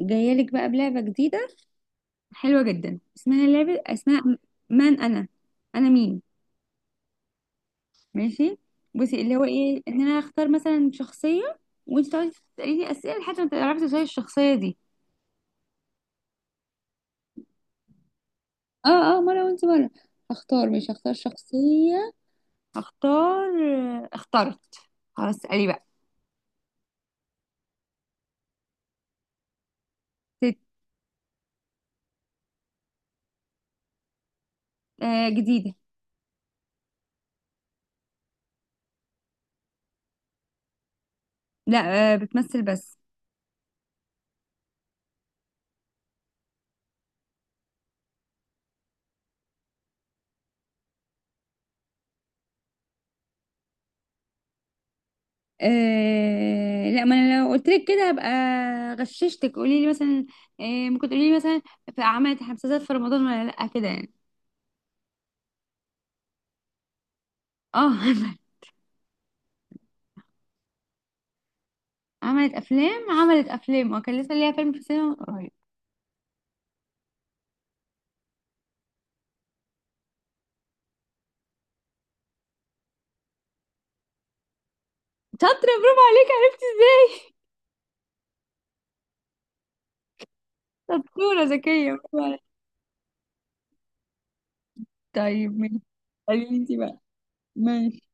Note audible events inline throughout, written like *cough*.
جايه لك بقى بلعبه جديده حلوه جدا. اسمها لعبه، اسمها من انا، انا مين؟ ماشي، بصي اللي هو ايه، ان انا اختار مثلا شخصيه وانت تقعدي تسالي لي اسئله لحد ما تعرفي تسالي الشخصيه دي. اه اه مره وانت مره. هختار مش هختار شخصيه. هختار، اخترت، خلاص اسالي بقى. ست. جديده. لا، بتمثل بس. لا، ما انا لو قلت لك كده هبقى غششتك. قولي لي مثلا، آه ممكن تقولي لي مثلا في عملت مسلسلات في رمضان ولا لا، كده يعني. اه *laughs* عملت. عملت افلام، عملت افلام، وكان لسه ليها فيلم في السينما من قريب. شاطره، برافو عليك، عرفتي ازاي؟ شطوره ذكيه، برافو عليك. طيب ماشي، قولي لي انت بقى. ماشي.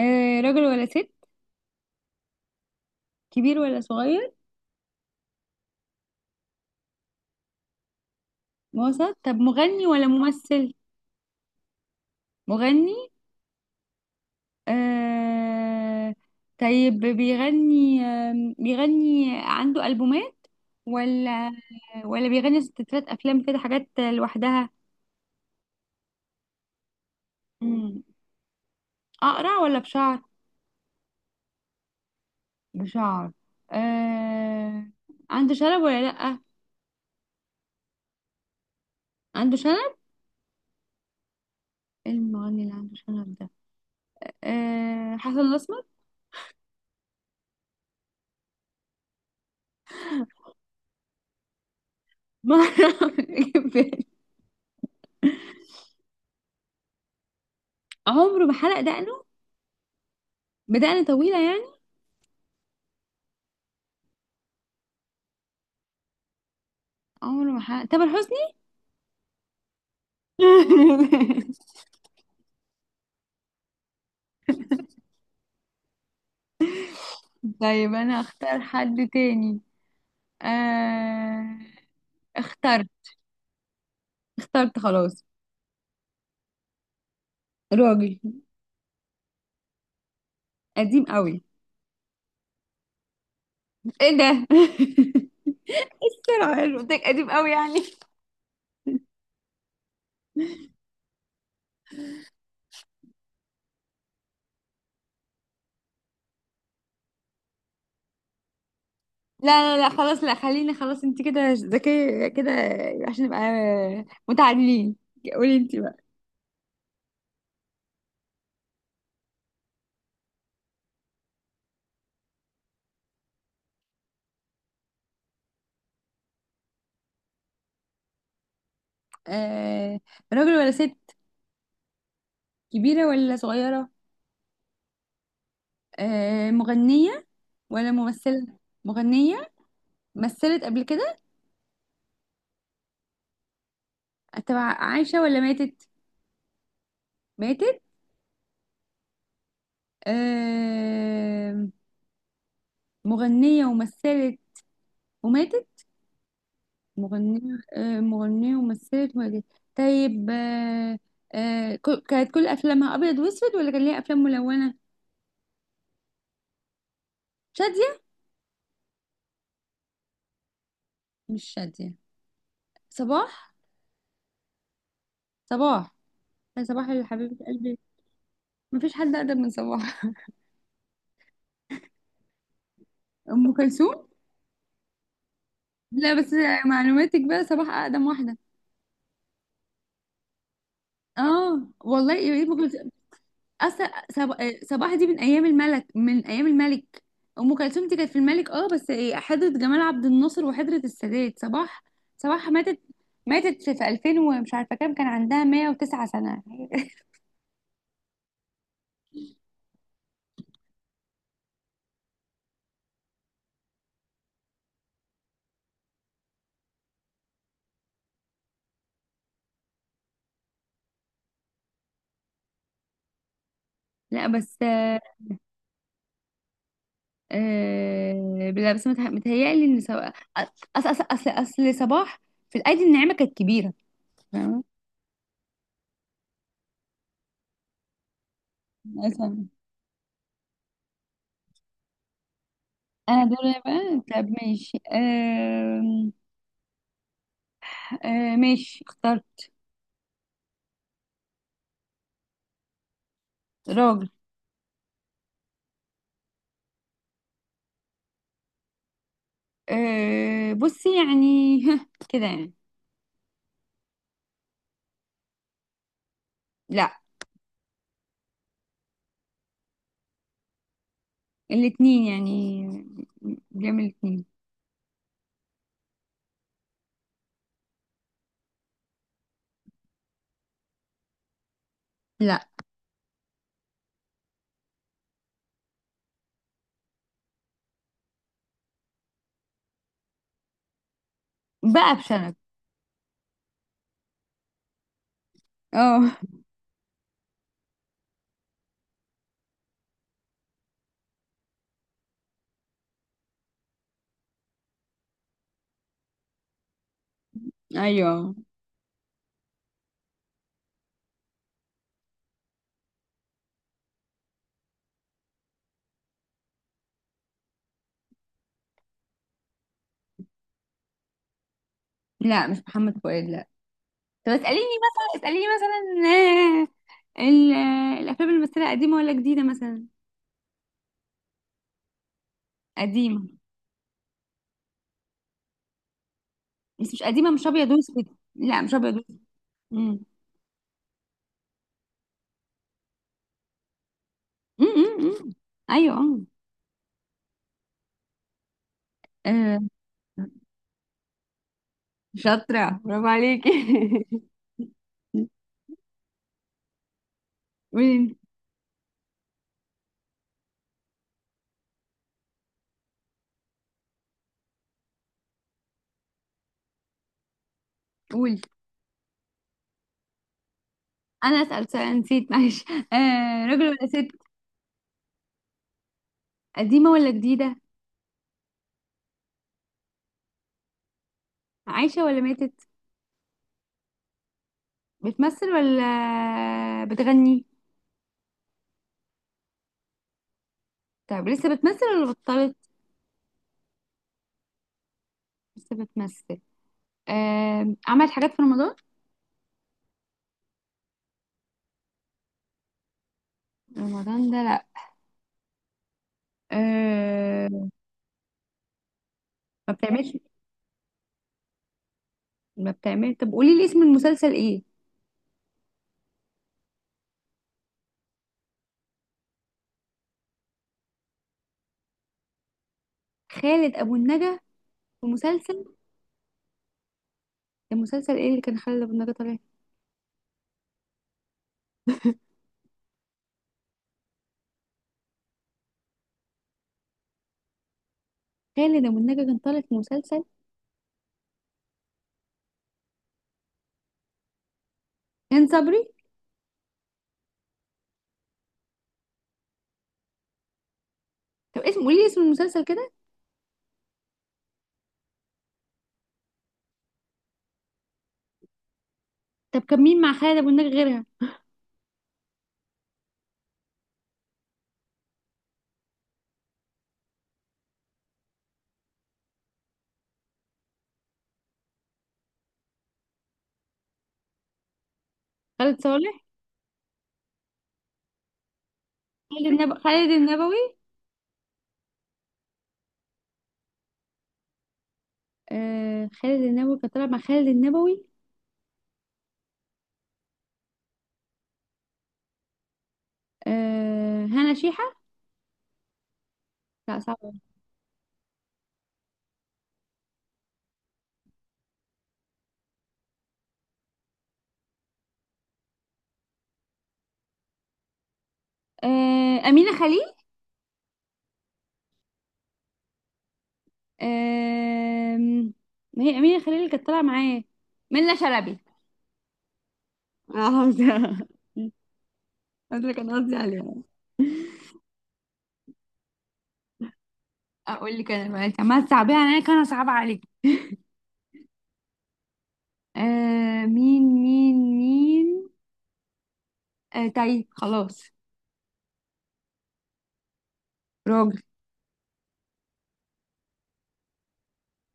راجل ولا ست؟ كبير ولا صغير؟ وسط، طب مغني ولا ممثل؟ مغني. آه طيب بيغني، بيغني عنده ألبومات ولا، ولا بيغني ستات أفلام كده، حاجات لوحدها؟ مم. أقرع ولا بشعر؟ بشعر. آه عنده شنب ولا لأ؟ عنده شنب. إيه المغني اللي عنده شنب ده؟ حسن الأسمر. *laughs* ما أعرف، جه في بالي. عمره ما حلق دقنه؟ بدقن طويلة يعني؟ عمره ما حلق، تامر حسني. *laughs* طيب أنا أختار حد تاني. آه... اخترت. اخترت خلاص. راجل. قديم قوي. ايه ده؟ *laughs* طلع حلو، قلت لك قديم قوي يعني. لا لا لا خلاص، لا خليني، خلاص انت كده ذكية كده، عشان نبقى متعادلين. قولي انت بقى. آه... راجل ولا ست؟ كبيرة ولا صغيرة؟ مغنية ولا ممثلة؟ مغنية. مثلت قبل كده؟ تبع عايشة ولا ماتت؟ ماتت. آه... مغنية ومثلت وماتت. مغنية. مغنية ومثلت وقالت. طيب آه، كانت كل أفلامها أبيض وأسود ولا كان ليها أفلام ملونة؟ شادية؟ مش شادية. صباح؟ صباح، هي صباح اللي حبيبة قلبي. مفيش حد أقدم من صباح. *laughs* أم كلثوم؟ لا بس معلوماتك، بقى صباح أقدم واحدة. اه والله يا ريت. اصلا صب... آه، صباح دي من ايام الملك، من ايام الملك. ام كلثوم دي كانت في الملك، اه بس حضرة جمال عبد الناصر وحضرة السادات. صباح، صباح ماتت، ماتت في 2000 ومش عارفه كام، كان عندها 109 سنه. *laughs* لا بس آه. لا بس متهيألي ان اصل صباح في الايدي الناعمه كانت كبيره، فاهمة؟ مثلا. انا دول بقى. طب ماشي. ماشي اخترت. راجل. أه بصي يعني، *laughs* كده يعني. لا. الاتنين يعني، بيعمل الاتنين. لا. بقى بشنب. اه. ايوه. لا، مش محمد فؤاد، لا. طب اسأليني مثلا، الافلام اللي مثلها قديمة ولا جديدة مثلا. قديمة، بس مش قديمة، مش ابيض واسود، لا مش ابيض واسود. أمم. أمم، أمم، أمم. ايوه. آه، شاطرة، برافو عليكي. *laughs* قولي. قولي، انا اسال سؤال نسيت، معلش. *laughs* راجل ولا ست؟ قديمه ولا جديده؟ عايشه ولا ماتت؟ بتمثل ولا بتغني؟ طب لسه بتمثل ولا بطلت؟ لسه بتمثل. عملت حاجات في رمضان؟ رمضان ده لا. آه ما بتعملش ما بتعمل. طب قولي لي اسم المسلسل ايه. خالد ابو النجا في مسلسل؟ المسلسل ايه اللي كان خالد ابو النجا طالع؟ خالد ابو النجا كان طالع في مسلسل. هند صبري. طب اسم، قولي لي اسم المسلسل كده. طب كان مين مع خالد ابو النجا غيرها؟ خالد صالح. خالد النبوي، خالد النبوي. خالد النبوي كان طالع، مع خالد النبوي. هنا شيحة. لا صعبة. أمينة خليل. آه ما هي أمينة خليل اللي كانت طالعة معاه. منة شلبي. اه، حافظة. *laughs* ده اللي كان قصدي عليها. اقول لك انا بقى، انت عماله تصعبيها عليا كان انا صعبه عليك. آه مين. تايه خلاص. راجل.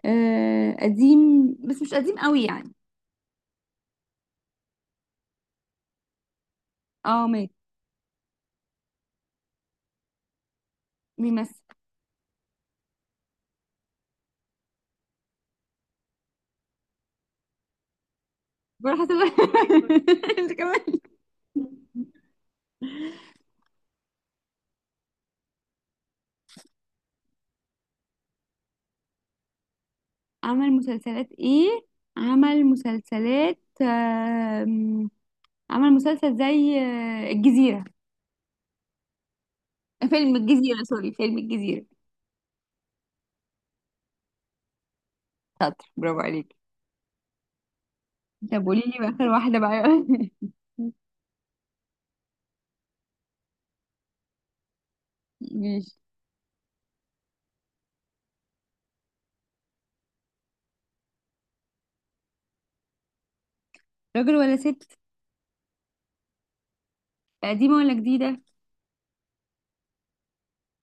قديم، بس مش قديم قوي يعني. اه مات. بيمثل. بروح حسب *laughs* انت كمان. عمل مسلسلات ايه؟ عمل مسلسلات آم، عمل مسلسل زي الجزيرة، فيلم الجزيرة. سوري، فيلم الجزيرة. شاطر، برافو عليك. طب قولي لي بقى آخر واحدة بقى. *laughs* ماشي. راجل ولا ست؟ قديمة ولا جديدة؟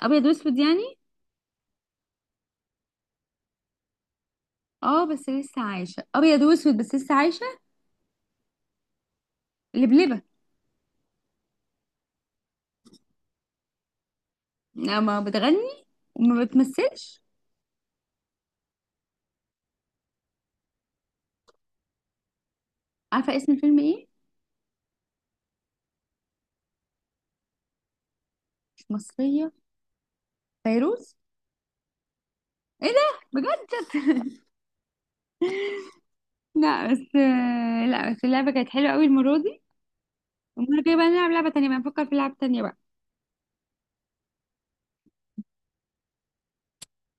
أبيض وأسود يعني؟ اه بس لسه عايشة. أبيض وأسود بس لسه عايشة. لبلبة. لا، ما بتغني وما بتمثلش. عارفة اسم الفيلم ايه؟ مش مصرية. فيروز. ايه ده؟ بجد؟ لا بس، لا بس اللعبة كانت حلوة قوي المرة دي. المرة الجاية بقى نلعب لعبة تانية بقى، نفكر في لعبة تانية بقى.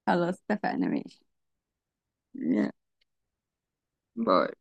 خلاص، اتفقنا. ماشي. يلا، باي.